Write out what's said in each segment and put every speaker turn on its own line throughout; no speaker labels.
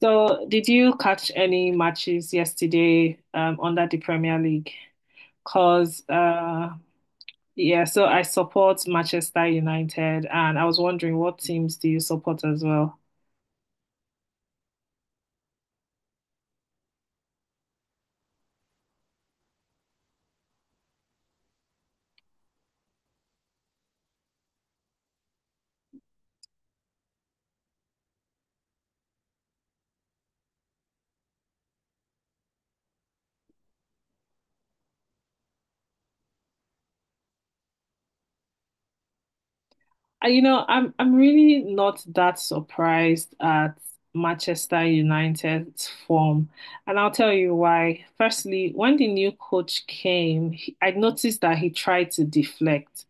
So, did you catch any matches yesterday under the Premier League? Because, yeah, so I support Manchester United, and I was wondering what teams do you support as well? I'm really not that surprised at Manchester United's form, and I'll tell you why. Firstly, when the new coach came, he, I noticed that he tried to deflect.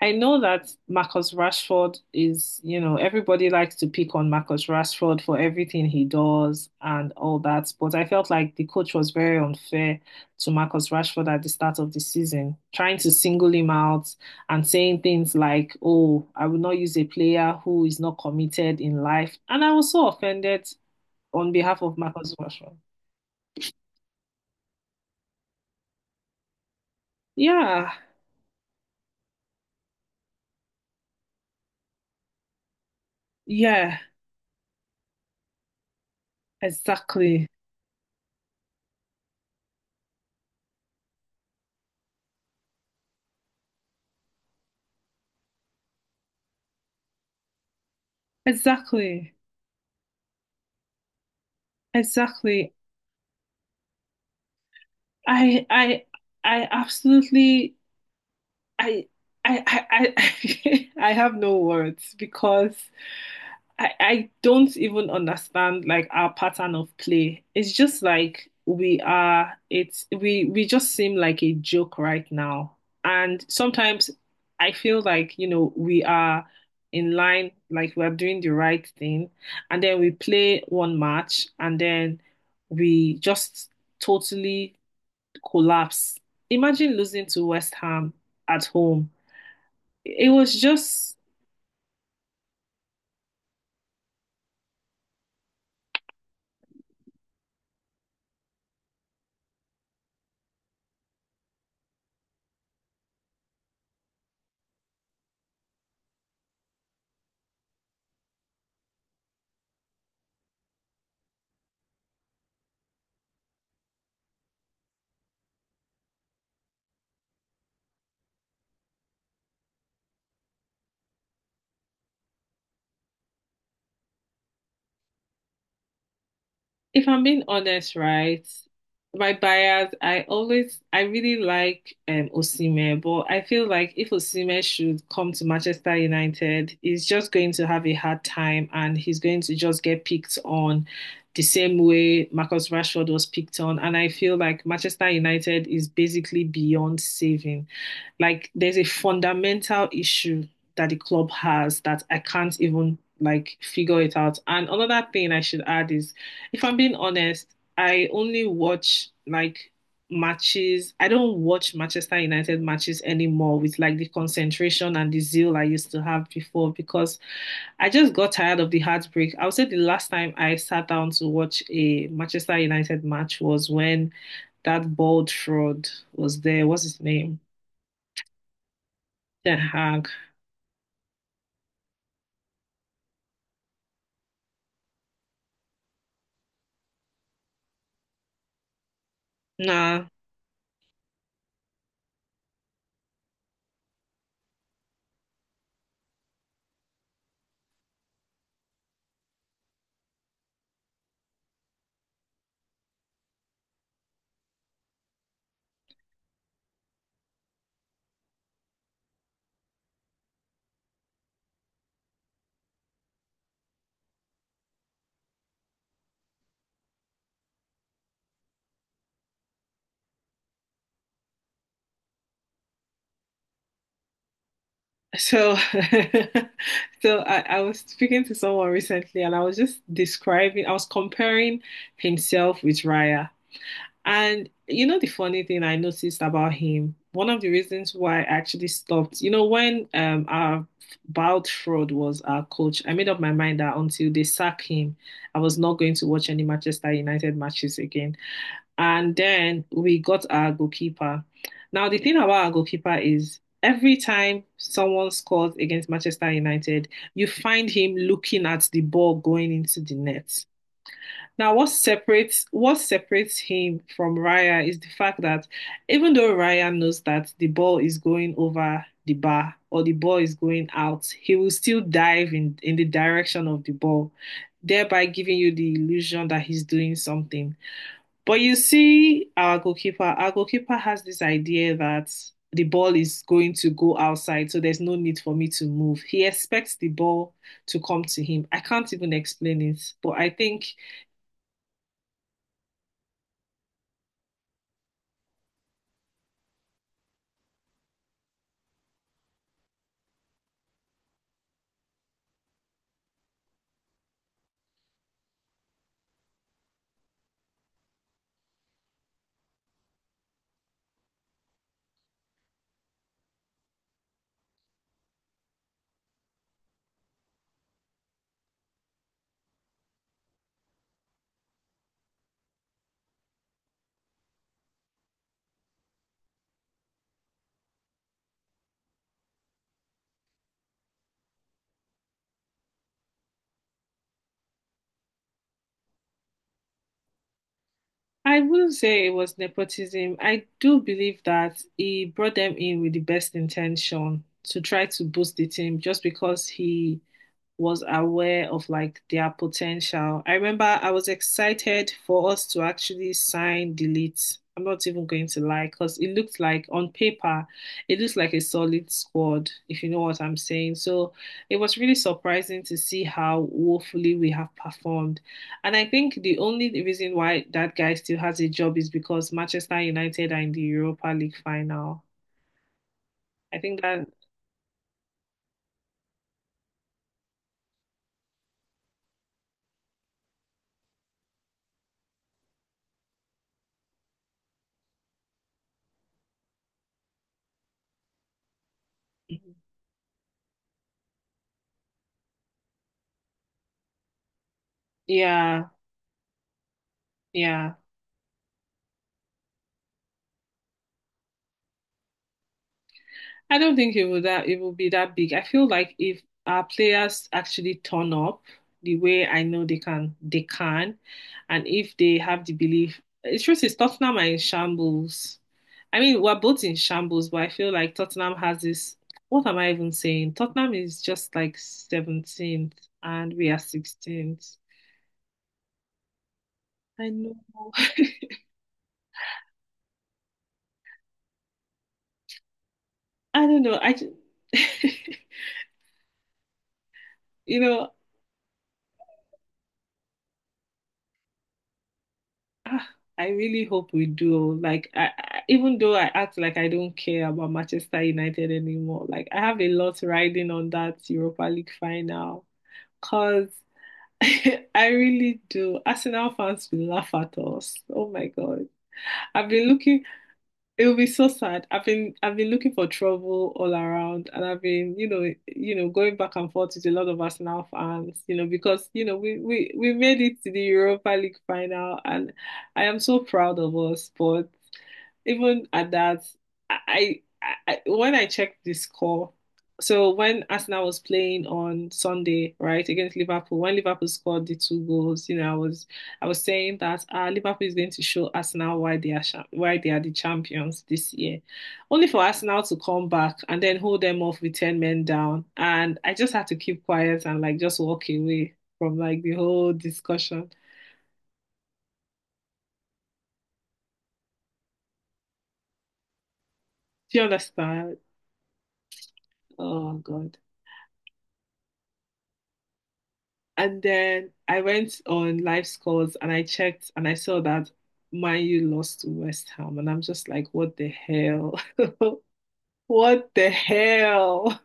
I know that Marcus Rashford is, everybody likes to pick on Marcus Rashford for everything he does and all that, but I felt like the coach was very unfair to Marcus Rashford at the start of the season, trying to single him out and saying things like, "Oh, I will not use a player who is not committed in life." And I was so offended on behalf of Marcus Rashford. Yeah, yeah, exactly. Exactly. Exactly. I I I absolutely. I I have no words because I don't even understand like our pattern of play. It's just like we are it's we just seem like a joke right now. And sometimes I feel like, you know, we are in line, like we're doing the right thing, and then we play one match and then we just totally collapse. Imagine losing to West Ham at home. It was just— If I'm being honest, right, my bias, I always, I really like Osimhen, but I feel like if Osimhen should come to Manchester United, he's just going to have a hard time and he's going to just get picked on the same way Marcus Rashford was picked on. And I feel like Manchester United is basically beyond saving. Like there's a fundamental issue that the club has that I can't even like figure it out. And another thing I should add is, if I'm being honest, I only watch like matches. I don't watch Manchester United matches anymore with like the concentration and the zeal I used to have before because I just got tired of the heartbreak. I would say the last time I sat down to watch a Manchester United match was when that bald fraud was there. What's his name? Ten Hag. Nah. So, so I was speaking to someone recently and I was just describing, I was comparing himself with Raya. And you know, the funny thing I noticed about him, one of the reasons why I actually stopped, you know, when our Bald Fraud was our coach, I made up my mind that until they sack him, I was not going to watch any Manchester United matches again. And then we got our goalkeeper. Now, the thing about our goalkeeper is every time someone scores against Manchester United, you find him looking at the ball going into the net. Now, what separates him from Raya is the fact that even though Raya knows that the ball is going over the bar or the ball is going out, he will still dive in the direction of the ball, thereby giving you the illusion that he's doing something. But you see, our goalkeeper has this idea that the ball is going to go outside, so there's no need for me to move. He expects the ball to come to him. I can't even explain it, but I think— I wouldn't say it was nepotism. I do believe that he brought them in with the best intention to try to boost the team just because he was aware of like their potential. I remember I was excited for us to actually sign Delete. I'm not even going to lie, because it looked like on paper, it looks like a solid squad, if you know what I'm saying. So it was really surprising to see how woefully we have performed. And I think the only reason why that guy still has a job is because Manchester United are in the Europa League final. I think that, yeah, yeah. I don't think it would— that it will be that big. I feel like if our players actually turn up the way I know they can, and if they have the belief, the truth is Tottenham are in shambles. I mean, we're both in shambles, but I feel like Tottenham has this. What am I even saying? Tottenham is just like 17th, and we are 16th. I know. I don't know. I just, you know— Ah, I really hope we do. Like, I, even though I act like I don't care about Manchester United anymore, like I have a lot riding on that Europa League final. Cause I really do. Arsenal fans will laugh at us. Oh my God. I've been looking— it will be so sad. I've been looking for trouble all around, and I've been, you know, going back and forth with a lot of Arsenal fans, you know, because you know we made it to the Europa League final, and I am so proud of us. But even at that, I, when I checked the score, so when Arsenal was playing on Sunday, right, against Liverpool, when Liverpool scored the two goals, you know, I was saying that Liverpool is going to show Arsenal why they are why they are the champions this year, only for Arsenal to come back and then hold them off with ten men down, and I just had to keep quiet and like just walk away from like the whole discussion. Do you understand? Oh God. And then I went on live scores and I checked and I saw that Man U lost to West Ham. And I'm just like, what the hell? What the hell?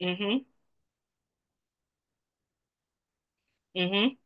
Hmm. Hmm.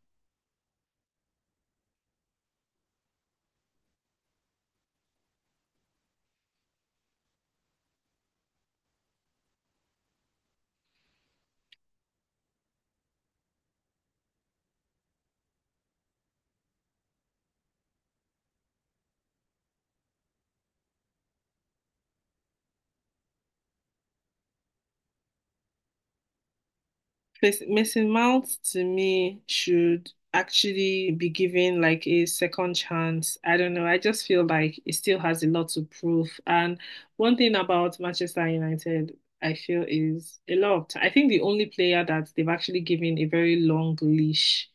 Mason Mount to me should actually be given like a second chance. I don't know. I just feel like it still has a lot to prove. And one thing about Manchester United, I feel is a lot of time. I think the only player that they've actually given a very long leash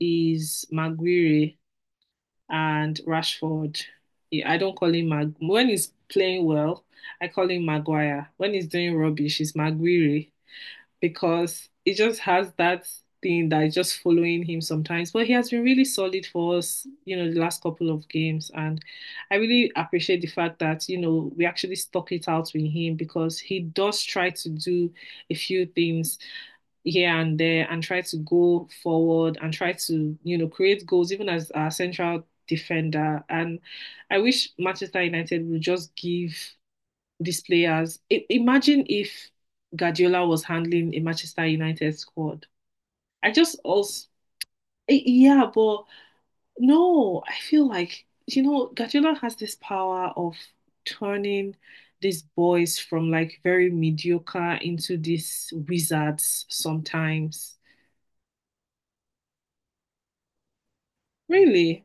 is Maguire and Rashford. Yeah, I don't call him Mag when he's playing well, I call him Maguire. When he's doing rubbish, it's Maguire because it just has that thing that is just following him sometimes. But he has been really solid for us, you know, the last couple of games. And I really appreciate the fact that, you know, we actually stuck it out with him because he does try to do a few things here and there and try to go forward and try to, you know, create goals even as our central defender. And I wish Manchester United would just give these players— I imagine if Guardiola was handling a Manchester United squad. I just also, yeah, but no, I feel like, you know, Guardiola has this power of turning these boys from like very mediocre into these wizards sometimes. Really.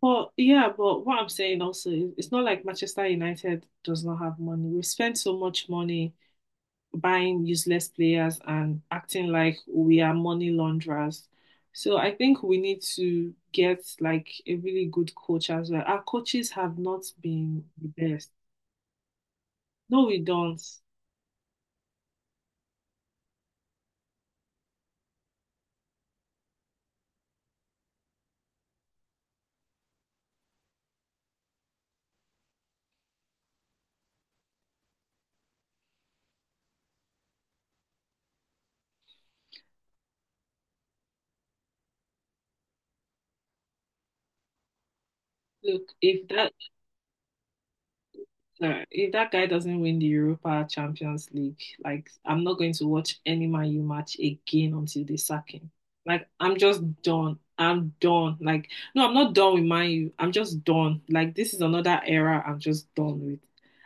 But yeah, but what I'm saying also is it's not like Manchester United does not have money. We've spent so much money buying useless players and acting like we are money launderers. So I think we need to get like a really good coach as well. Our coaches have not been the best. No, we don't. Look, if that— no, if that guy doesn't win the Europa Champions League, like I'm not going to watch any Man U match again until they sack him. Like I'm just done. I'm done. Like no, I'm not done with Man U. I'm just done. Like this is another era I'm just done with.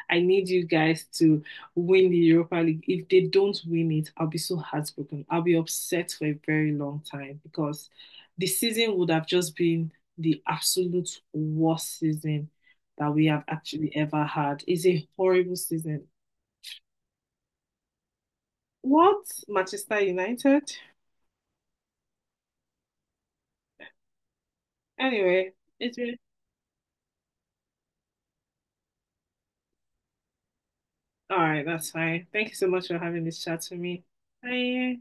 I need you guys to win the Europa League. If they don't win it, I'll be so heartbroken. I'll be upset for a very long time because the season would have just been the absolute worst season that we have actually ever had. It's a horrible season. What? Manchester United? Anyway, it's been— all right, that's fine. Thank you so much for having this chat with me. Bye.